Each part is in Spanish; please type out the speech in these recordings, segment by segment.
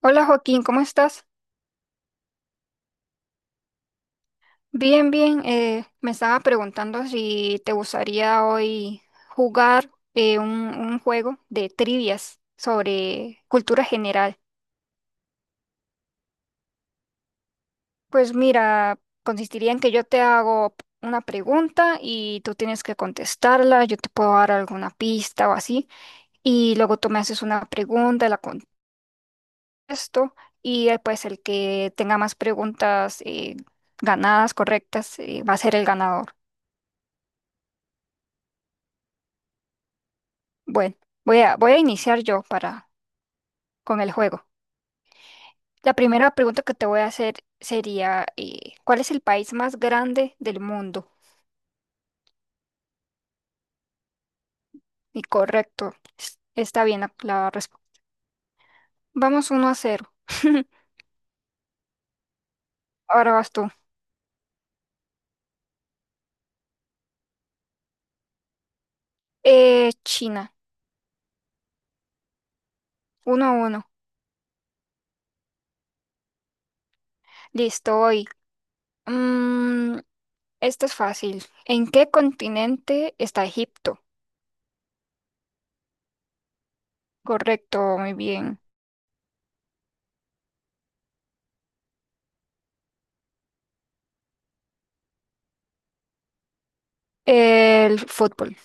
Hola Joaquín, ¿cómo estás? Bien, bien. Me estaba preguntando si te gustaría hoy jugar un juego de trivias sobre cultura general. Pues mira, consistiría en que yo te hago una pregunta y tú tienes que contestarla, yo te puedo dar alguna pista o así, y luego tú me haces una pregunta, la contesto, y pues el que tenga más preguntas ganadas, correctas, va a ser el ganador. Bueno, voy a iniciar yo para, con el juego. La primera pregunta que te voy a hacer sería, ¿cuál es el país más grande del mundo? Y correcto, está bien la respuesta. Vamos uno a cero. Ahora vas tú. China. Uno a uno. Listo, hoy. Mm, esto es fácil. ¿En qué continente está Egipto? Correcto, muy bien. El fútbol.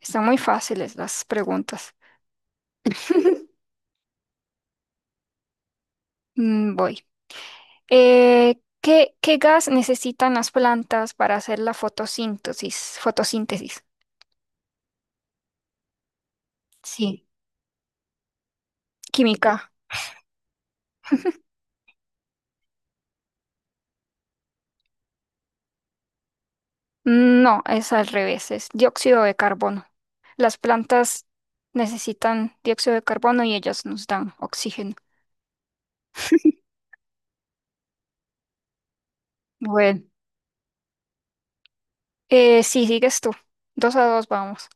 Están muy fáciles las preguntas. Mm, voy. ¿ qué gas necesitan las plantas para hacer la fotosíntesis? Fotosíntesis. Sí. Química. No, es al revés, es dióxido de carbono. Las plantas necesitan dióxido de carbono y ellas nos dan oxígeno. Bueno, sí, sigues tú. Dos a dos, vamos.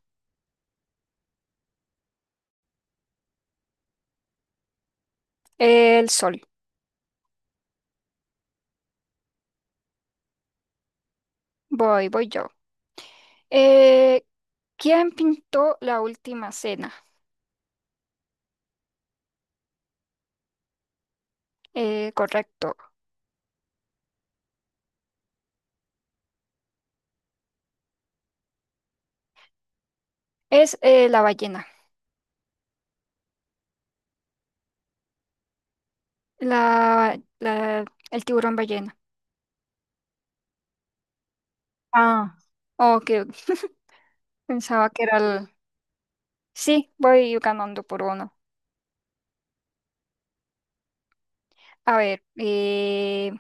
El sol. Voy yo. Eh, ¿Quién pintó la última cena? Correcto. Es la ballena. La, la, el tiburón ballena. Ah, oh. Pensaba que era el... Sí, voy ganando por uno. A ver,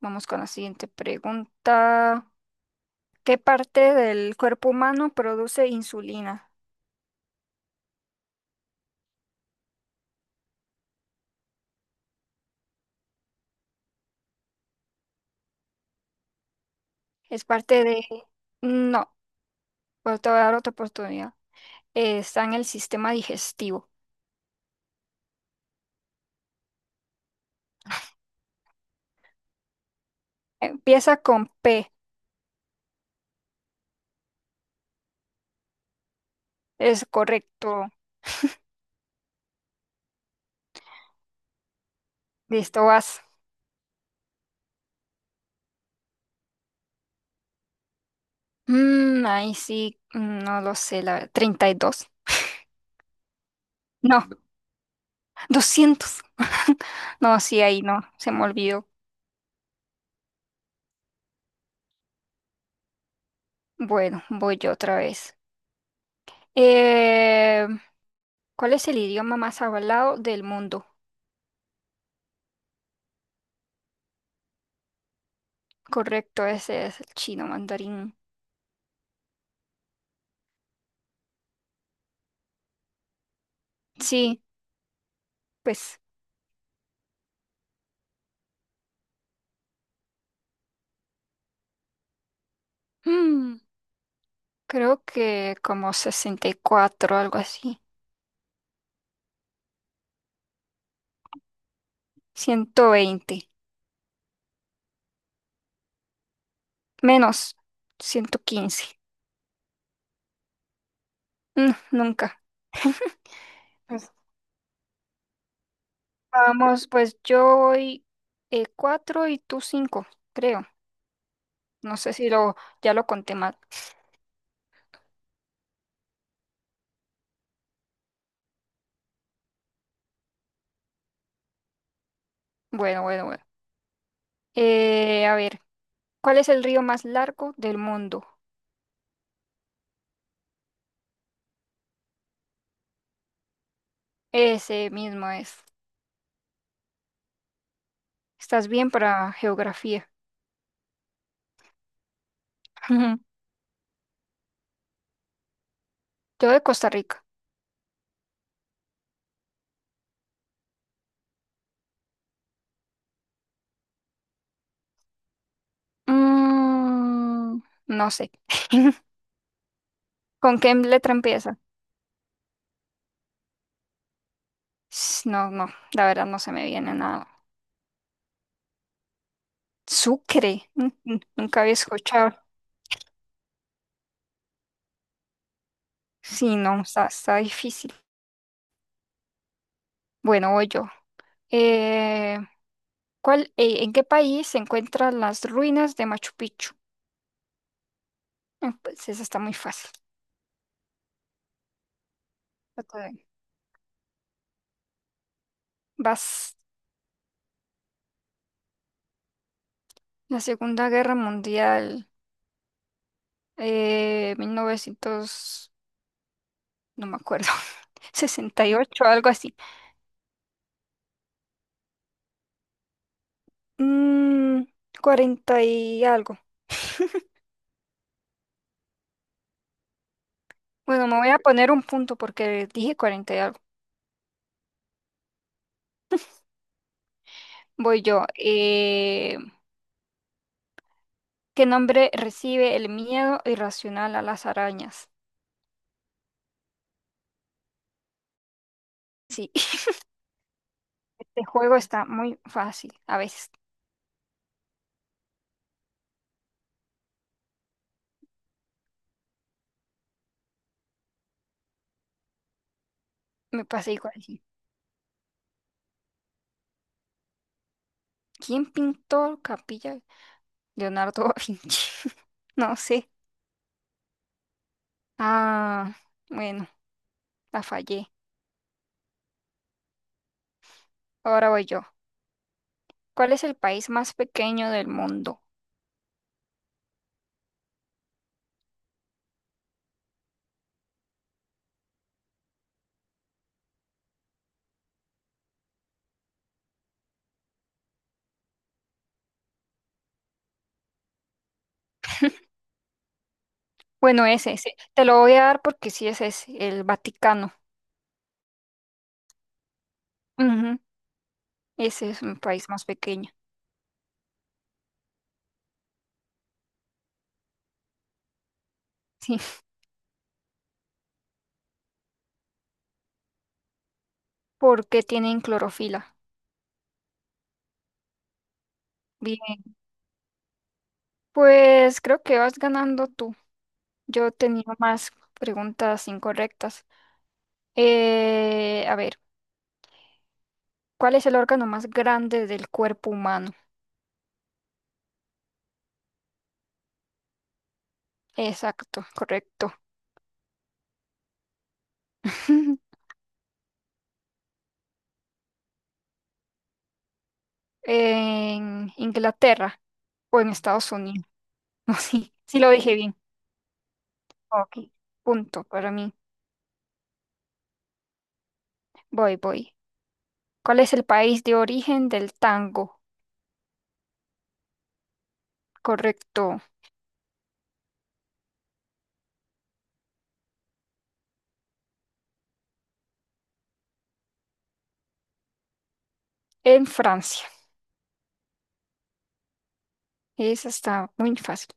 vamos con la siguiente pregunta. ¿Qué parte del cuerpo humano produce insulina? Es parte de... No, pero te voy a dar otra oportunidad. Está en el sistema digestivo. Empieza con P. Es correcto. Listo, vas. Mm, ahí sí, mm, no lo sé, la verdad. 32. No, 200. No, sí, ahí no, se me olvidó. Bueno, voy yo otra vez. Eh, ¿Cuál es el idioma más hablado del mundo? Correcto, ese es el chino mandarín. Sí, pues mm, creo que como 64, algo así. 120 menos 115. Mm, nunca. Pues, vamos, pues yo voy 4 y tú 5, creo. No sé si ya lo conté mal. Bueno, bueno, bueno. A ver, ¿cuál es el río más largo del mundo? Ese mismo es. Estás bien para geografía. Yo de Costa Rica. Mm, no sé. ¿Con qué letra empieza? No, no, la verdad no se me viene nada. Sucre. Mm, mm, nunca había escuchado. Sí, no, está, está difícil. Bueno, voy yo. Eh, ¿En qué país se encuentran las ruinas de Machu Picchu? Ah, pues esa está muy fácil. Trata de- Vas, la Segunda Guerra Mundial, 1900, no me acuerdo, 68, algo así. Mm, 40 y algo. Bueno, me voy a poner un punto porque dije 40 y algo. Voy yo. ¿Qué nombre recibe el miedo irracional a las arañas? Sí. Este juego está muy fácil. A veces me pasa igual, sí. ¿Quién pintó Capilla? Leonardo da Vinci. No sé. Ah, bueno, la fallé. Ahora voy yo. ¿Cuál es el país más pequeño del mundo? Bueno, es ese. Te lo voy a dar porque sí ese es ese, el Vaticano. Ujú, ese es un país más pequeño. Sí. ¿Por qué tienen clorofila? Bien. Pues creo que vas ganando tú. Yo tenía más preguntas incorrectas. A ver. ¿Cuál es el órgano más grande del cuerpo humano? Exacto, correcto. En Inglaterra o en Estados Unidos. No, sí, sí lo dije bien. Ok, punto para mí. Voy, voy. ¿Cuál es el país de origen del tango? Correcto, en Francia. Esa está muy fácil.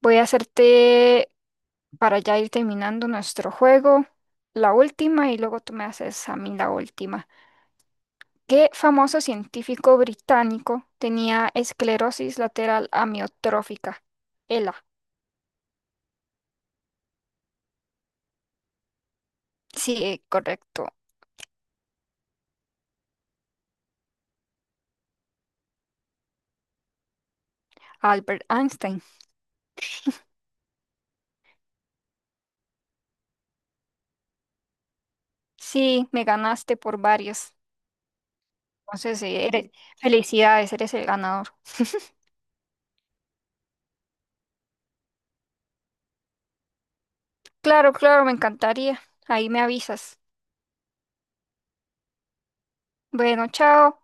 Voy a hacerte, para ya ir terminando nuestro juego, la última y luego tú me haces a mí la última. ¿Qué famoso científico británico tenía esclerosis lateral amiotrófica? ELA. Sí, correcto. Albert Einstein. Sí, me ganaste por varios. Entonces, eres- felicidades, eres el ganador. Claro, claro, me encantaría. Ahí me avisas. Bueno, chao.